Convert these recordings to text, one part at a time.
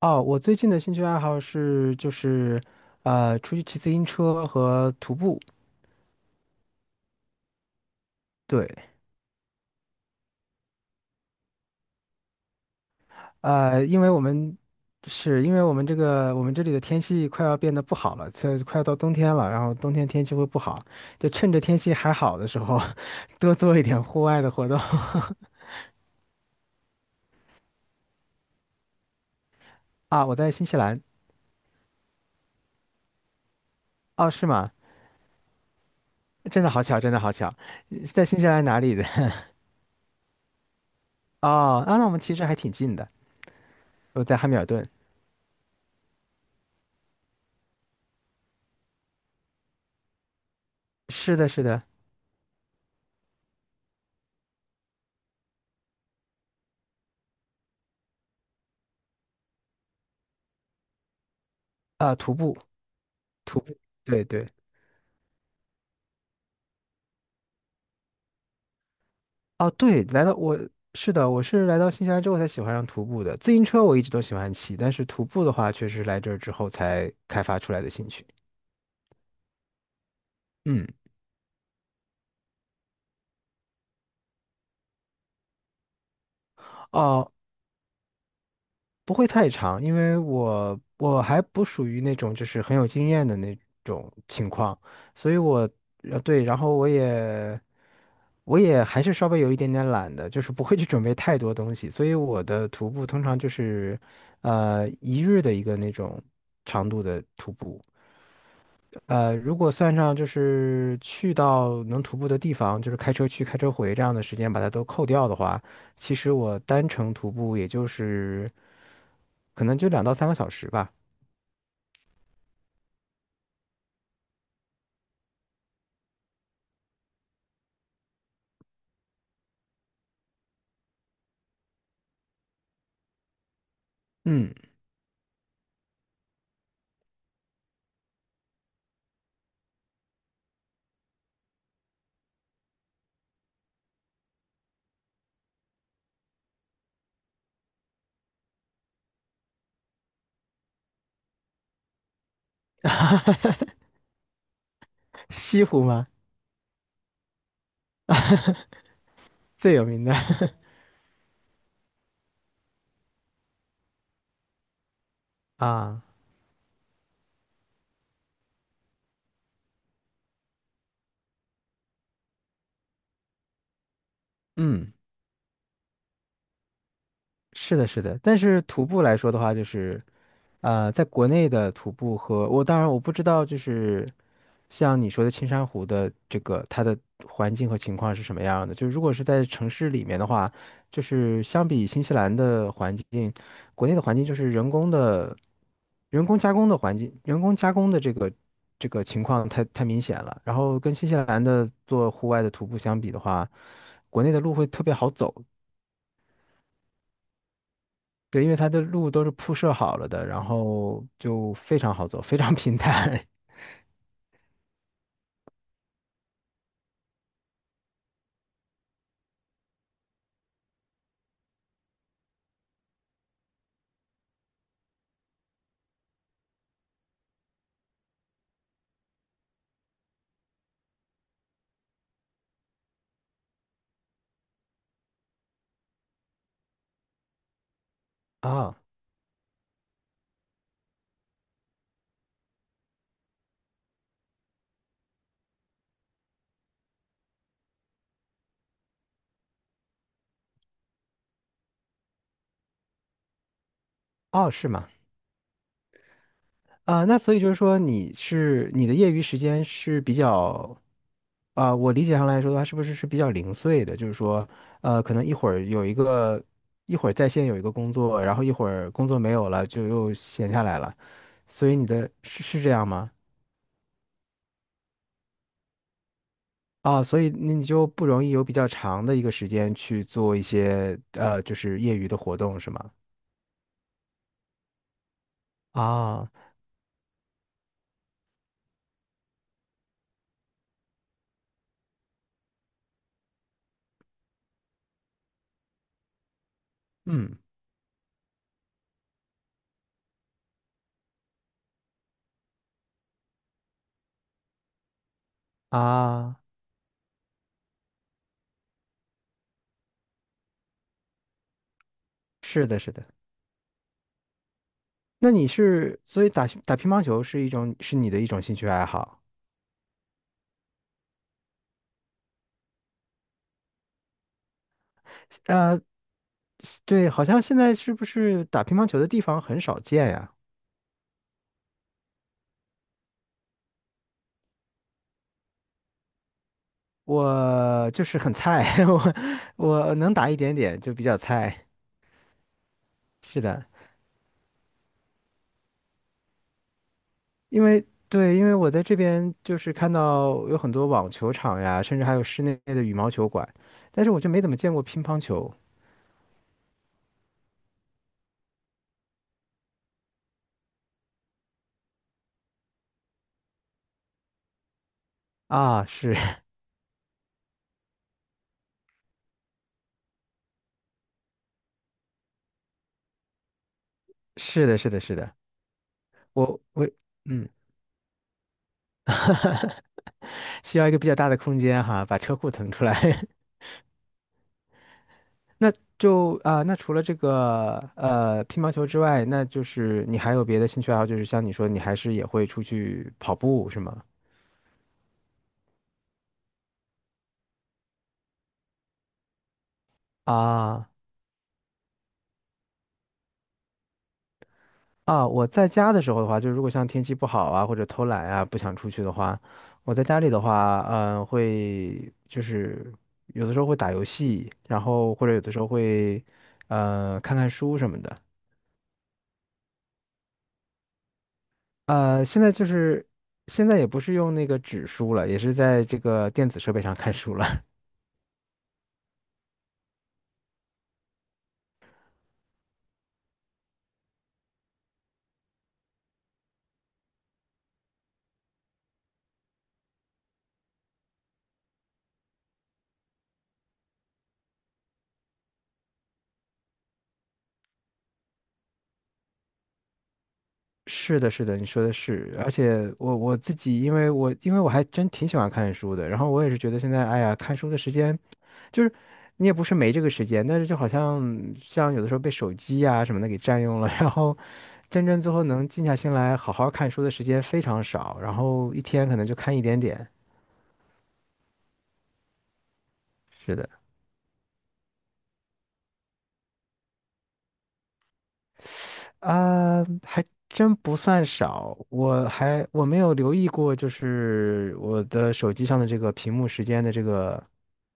哦，我最近的兴趣爱好就是出去骑自行车和徒步。对，因为我们我们这里的天气快要变得不好了，快要到冬天了，然后冬天天气会不好，就趁着天气还好的时候 多做一点户外的活动。啊，我在新西兰。哦，是吗？真的好巧，真的好巧，在新西兰哪里的？哦，啊，那我们其实还挺近的。我在汉密尔顿。是的，是的，啊，徒步，徒步，对对。哦，对，来到我是的，我是来到新西兰之后才喜欢上徒步的。自行车我一直都喜欢骑，但是徒步的话，确实来这儿之后才开发出来的兴趣。嗯，哦，不会太长，因为我还不属于那种就是很有经验的那种情况，所以对，然后我也还是稍微有一点点懒的，就是不会去准备太多东西，所以我的徒步通常就是一日的一个那种长度的徒步。如果算上就是去到能徒步的地方，就是开车去、开车回这样的时间，把它都扣掉的话，其实我单程徒步也就是可能就两到三个小时吧。嗯，西湖嘛，最有名的 啊，嗯，是的，是的。但是徒步来说的话，就是在国内的徒步和我当然我不知道，就是像你说的青山湖的这个它的环境和情况是什么样的。就如果是在城市里面的话，就是相比新西兰的环境，国内的环境就是人工的、人工加工的环境，人工加工的这个情况太明显了。然后跟新西兰的做户外的徒步相比的话，国内的路会特别好走。对，因为它的路都是铺设好了的，然后就非常好走，非常 平坦。啊哦，是吗？啊、那所以就是说，你是你的业余时间是比较啊、我理解上来说的话，是不是是比较零碎的？就是说，呃，可能一会儿有一个，一会儿在线有一个工作，然后一会儿工作没有了，就又闲下来了。所以你的是是这样吗？啊、所以那你就不容易有比较长的一个时间去做一些就是业余的活动，是吗？啊，嗯啊，是的，是的。那你是，所以打乒乓球是一种，是你的一种兴趣爱好。呃，对，好像现在是不是打乒乓球的地方很少见呀？我就是很菜，我能打一点点，就比较菜。是的，对，因为我在这边就是看到有很多网球场呀，甚至还有室内的羽毛球馆，但是我就没怎么见过乒乓球啊。是 是的，是的，是的，我嗯，需要一个比较大的空间哈，把车库腾出来。那就啊、那除了这个乒乓球之外，那就是你还有别的兴趣爱好，就是像你说，你还是也会出去跑步，是吗？啊啊，我在家的时候的话，就是如果像天气不好啊，或者偷懒啊，不想出去的话，我在家里的话，嗯、会就是有的时候会打游戏，然后或者有的时候会看看书什么的。呃，现在就是现在也不是用那个纸书了，也是在这个电子设备上看书了。是的，是的，你说的是，而且我自己，因为我还真挺喜欢看书的，然后我也是觉得现在，哎呀，看书的时间就是你也不是没这个时间，但是就好像有的时候被手机啊什么的给占用了，然后真正最后能静下心来好好看书的时间非常少，然后一天可能就看一点点。是的。啊，还真不算少，我没有留意过，就是我的手机上的这个屏幕时间的这个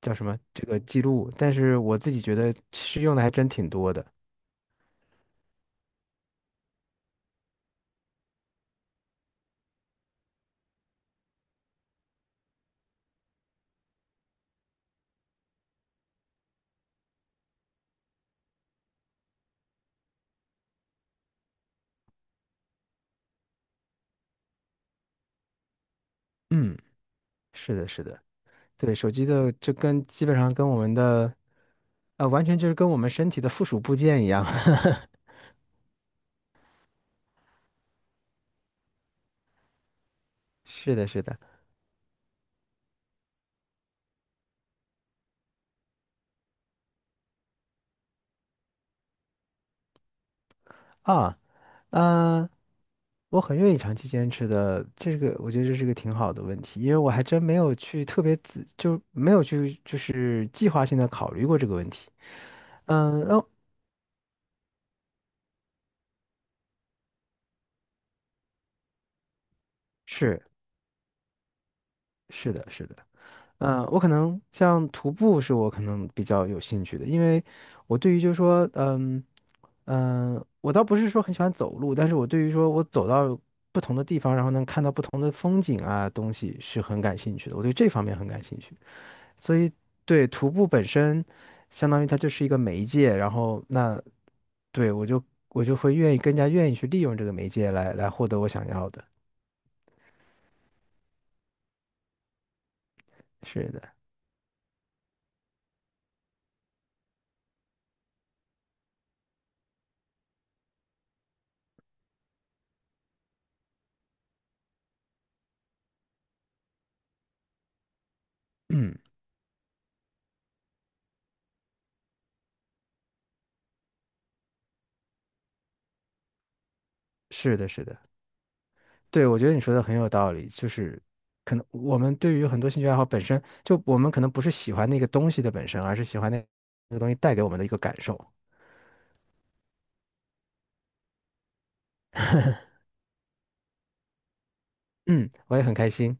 叫什么这个记录，但是我自己觉得其实用的还真挺多的。嗯，是的，是的，对，手机的就跟基本上跟我们的完全就是跟我们身体的附属部件一样。是的，是的。啊，嗯、我很愿意长期坚持的，这个我觉得这是个挺好的问题，因为我还真没有去特别仔，就没有去就是计划性的考虑过这个问题。嗯，哦，是是的，是的，嗯，我可能像徒步是我可能比较有兴趣的，因为我对于就是说，我倒不是说很喜欢走路，但是我对于说我走到不同的地方，然后能看到不同的风景啊东西是很感兴趣的，我对这方面很感兴趣。所以对徒步本身，相当于它就是一个媒介，然后那对我就会愿意更加愿意去利用这个媒介来获得我想要的。是的，嗯，是的，是的，对，我觉得你说的很有道理，就是可能我们对于很多兴趣爱好本身，就我们可能不是喜欢那个东西的本身，而是喜欢那个东西带给我们的一个感受。嗯，我也很开心。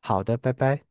好的，拜拜。